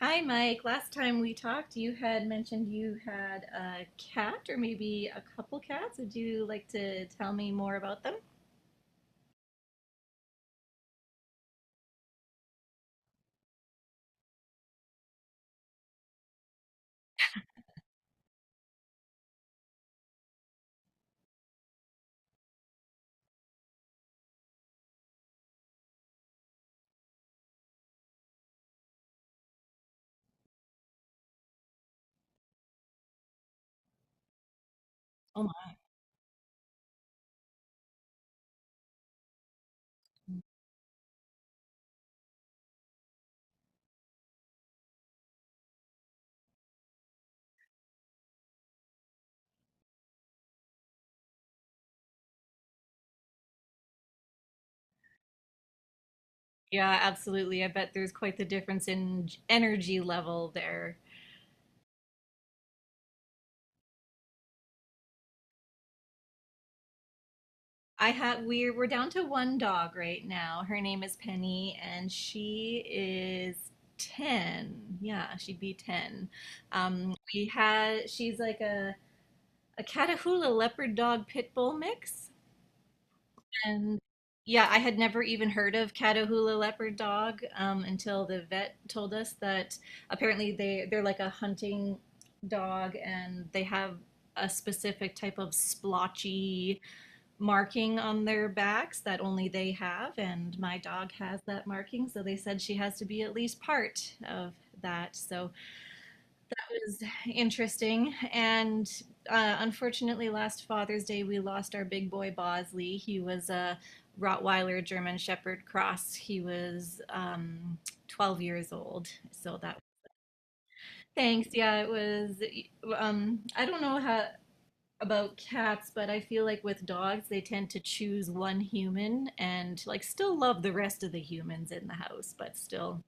Hi, Mike. Last time we talked, you had mentioned you had a cat or maybe a couple cats. Would you like to tell me more about them? Oh my. Yeah, absolutely. I bet there's quite the difference in energy level there. I have we're down to one dog right now. Her name is Penny and she is 10. Yeah, she'd be 10. We had She's like a Catahoula leopard dog pit bull mix. And yeah, I had never even heard of Catahoula leopard dog until the vet told us that apparently they're like a hunting dog, and they have a specific type of splotchy marking on their backs that only they have, and my dog has that marking, so they said she has to be at least part of that. So was interesting. And unfortunately, last Father's Day, we lost our big boy Bosley. He was a Rottweiler German Shepherd cross. He was 12 years old. So that, thanks. Yeah, it was. I don't know how about cats, but I feel like with dogs, they tend to choose one human and like still love the rest of the humans in the house, but still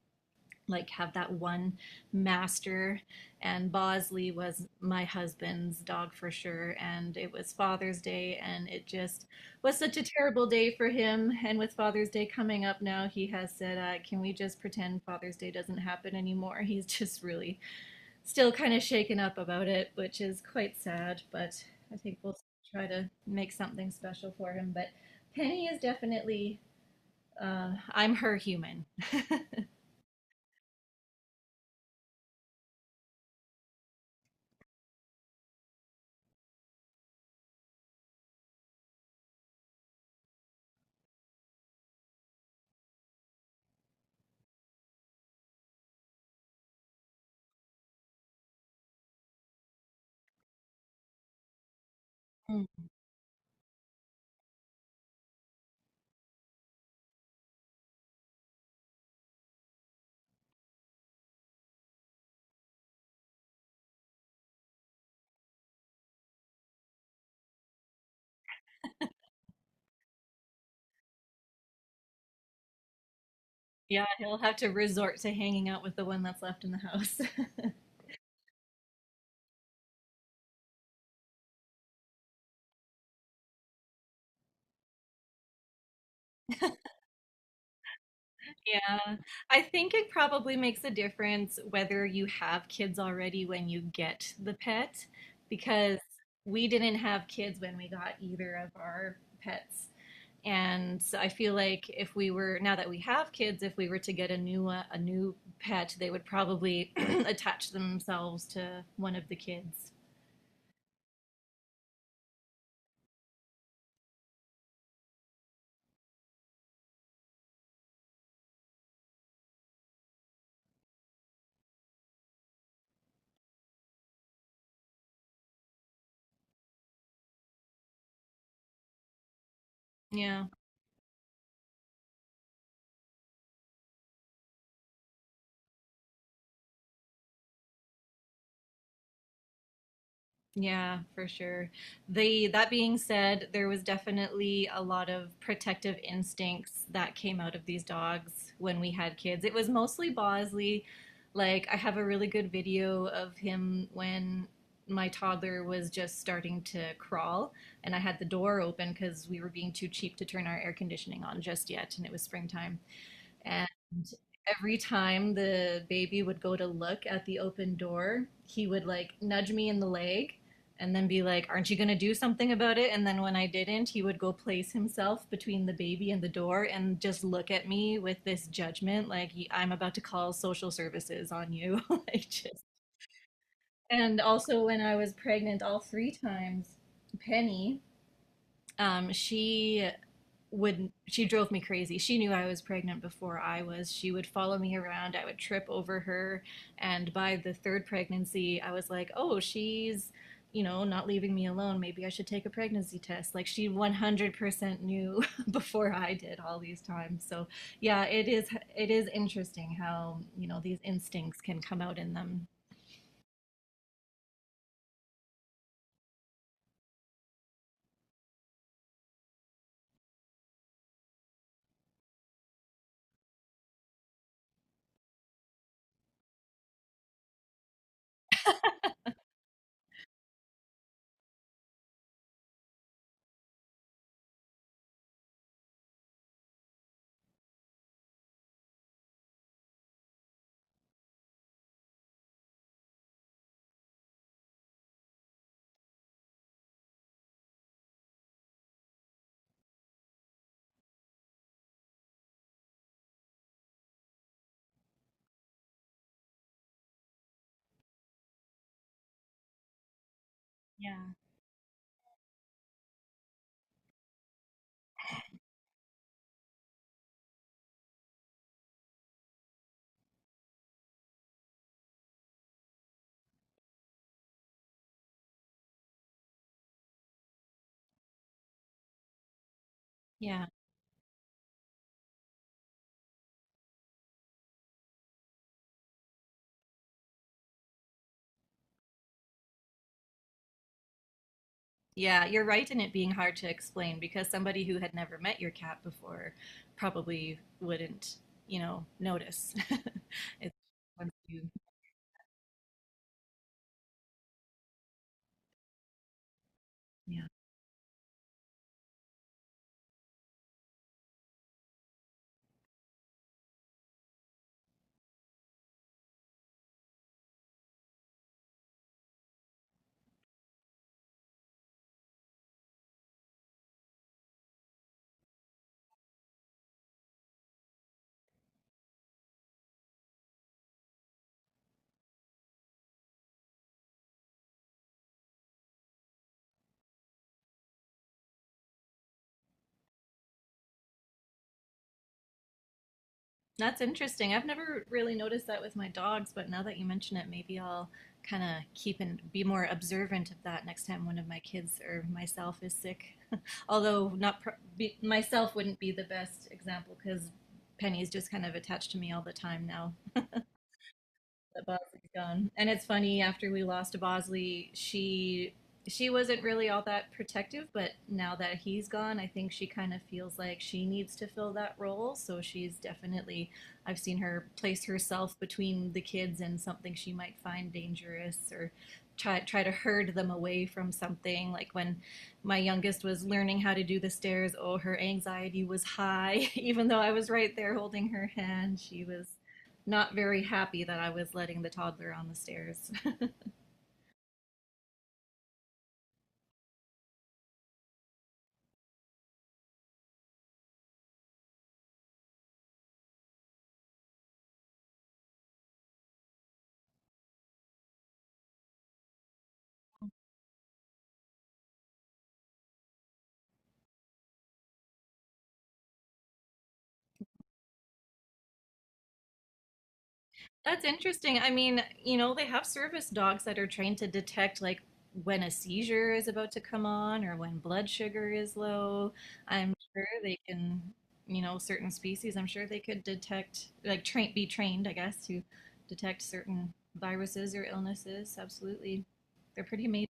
like have that one master. And Bosley was my husband's dog for sure, and it was Father's Day, and it just was such a terrible day for him. And with Father's Day coming up now, he has said, can we just pretend Father's Day doesn't happen anymore? He's just really still kind of shaken up about it, which is quite sad, but I think we'll try to make something special for him. But Penny is definitely, I'm her human. Yeah, he'll have to resort to hanging out with the one that's left in the house. Yeah, I think it probably makes a difference whether you have kids already when you get the pet, because we didn't have kids when we got either of our pets. And so I feel like if we were, now that we have kids, if we were to get a new a new pet, they would probably attach themselves to one of the kids. Yeah. Yeah, for sure. The That being said, there was definitely a lot of protective instincts that came out of these dogs when we had kids. It was mostly Bosley. Like, I have a really good video of him when my toddler was just starting to crawl, and I had the door open because we were being too cheap to turn our air conditioning on just yet, and it was springtime. And every time the baby would go to look at the open door, he would like nudge me in the leg and then be like, "Aren't you going to do something about it?" And then when I didn't, he would go place himself between the baby and the door and just look at me with this judgment like, "I'm about to call social services on you." Like, just. And also, when I was pregnant all three times, Penny, she would she drove me crazy. She knew I was pregnant before I was. She would follow me around. I would trip over her, and by the third pregnancy, I was like, "Oh, she's, you know, not leaving me alone. Maybe I should take a pregnancy test." Like, she 100% knew before I did all these times. So, yeah, it is interesting how, you know, these instincts can come out in them. Yeah. Yeah. Yeah, you're right in it being hard to explain, because somebody who had never met your cat before probably wouldn't, you know, notice. It's once you, yeah. That's interesting. I've never really noticed that with my dogs, but now that you mention it, maybe I'll kind of keep and be more observant of that next time one of my kids or myself is sick. Although not pr myself wouldn't be the best example, because Penny's just kind of attached to me all the time now that Bosley's gone. And it's funny, after we lost to Bosley, she wasn't really all that protective, but now that he's gone, I think she kind of feels like she needs to fill that role. So she's definitely I've seen her place herself between the kids and something she might find dangerous, or try to herd them away from something. Like when my youngest was learning how to do the stairs, oh, her anxiety was high, even though I was right there holding her hand. She was not very happy that I was letting the toddler on the stairs. That's interesting. I mean, you know, they have service dogs that are trained to detect like when a seizure is about to come on, or when blood sugar is low. I'm sure they can, you know, certain species, I'm sure they could detect like train be trained, I guess, to detect certain viruses or illnesses. Absolutely. They're pretty amazing.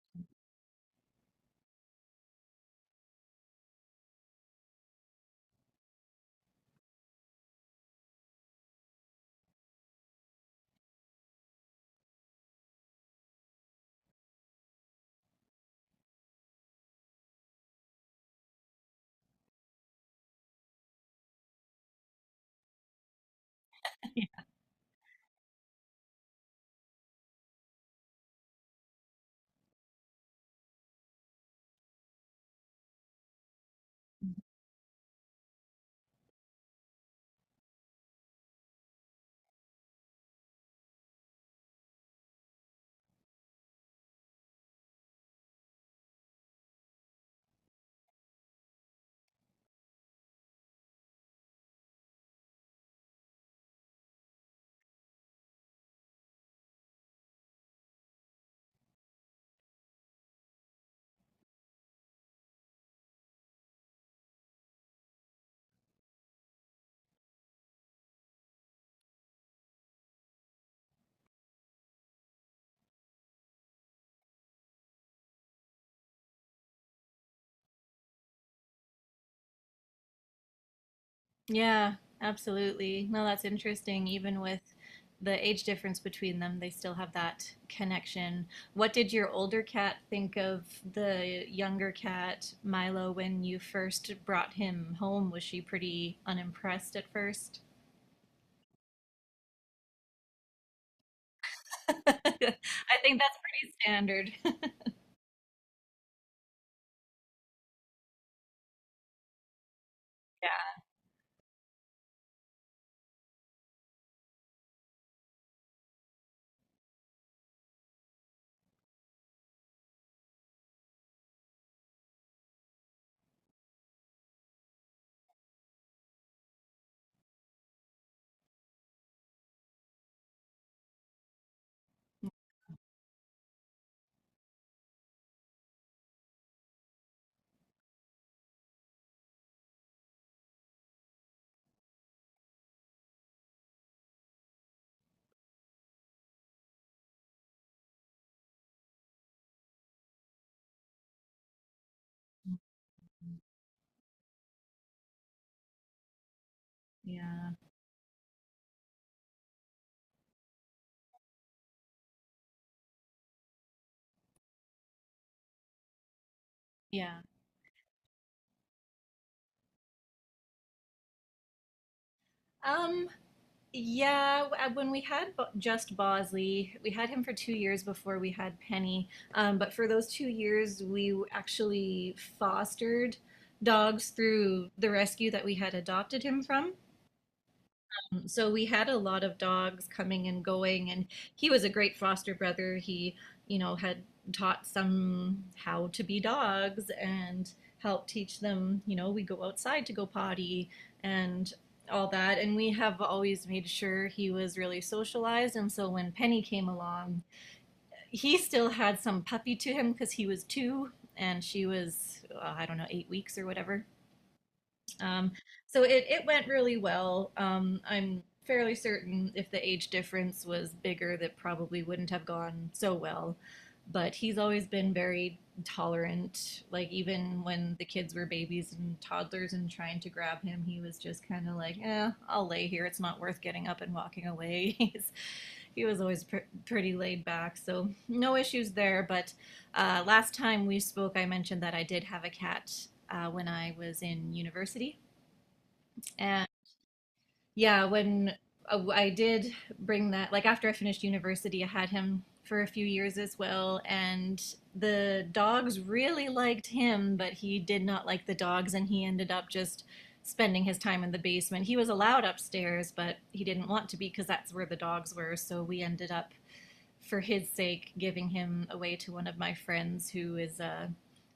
Yeah, absolutely. No, that's interesting. Even with the age difference between them, they still have that connection. What did your older cat think of the younger cat, Milo, when you first brought him home? Was she pretty unimpressed at first? I think that's pretty standard. Yeah. Yeah. Yeah. Um, Yeah, when we had just Bosley, we had him for 2 years before we had Penny. But for those 2 years, we actually fostered dogs through the rescue that we had adopted him from. So we had a lot of dogs coming and going, and he was a great foster brother. He, you know, had taught some how to be dogs and helped teach them, you know, we go outside to go potty and all that. And we have always made sure he was really socialized. And so when Penny came along, he still had some puppy to him, because he was two and she was, I don't know, 8 weeks or whatever. Um, so it went really well. I'm fairly certain if the age difference was bigger, that probably wouldn't have gone so well. But he's always been very tolerant. Like, even when the kids were babies and toddlers and trying to grab him, he was just kind of like, eh, I'll lay here. It's not worth getting up and walking away. He's, he was always pretty laid back, so no issues there. But last time we spoke, I mentioned that I did have a cat when I was in university. And yeah, when I did bring that, like, after I finished university, I had him for a few years as well. And the dogs really liked him, but he did not like the dogs. And he ended up just spending his time in the basement. He was allowed upstairs, but he didn't want to be, because that's where the dogs were. So we ended up, for his sake, giving him away to one of my friends who is a,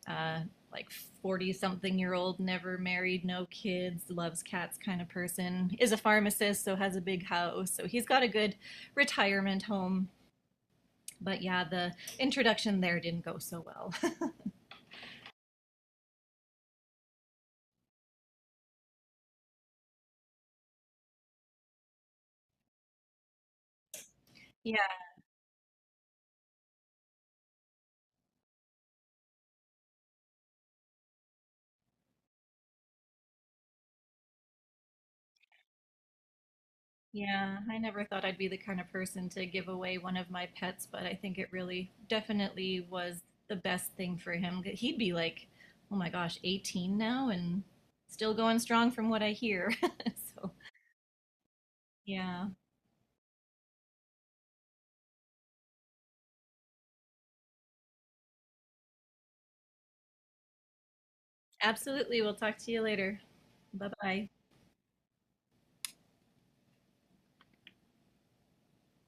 a like 40 something year old, never married, no kids, loves cats kind of person, is a pharmacist, so has a big house. So he's got a good retirement home. But yeah, the introduction there didn't go so well. Yeah, yeah. I never thought I'd be the kind of person to give away one of my pets, but I think it really definitely was the best thing for him. He'd be like, oh my gosh, 18 now and still going strong from what I hear. So yeah, absolutely. We'll talk to you later. Bye bye.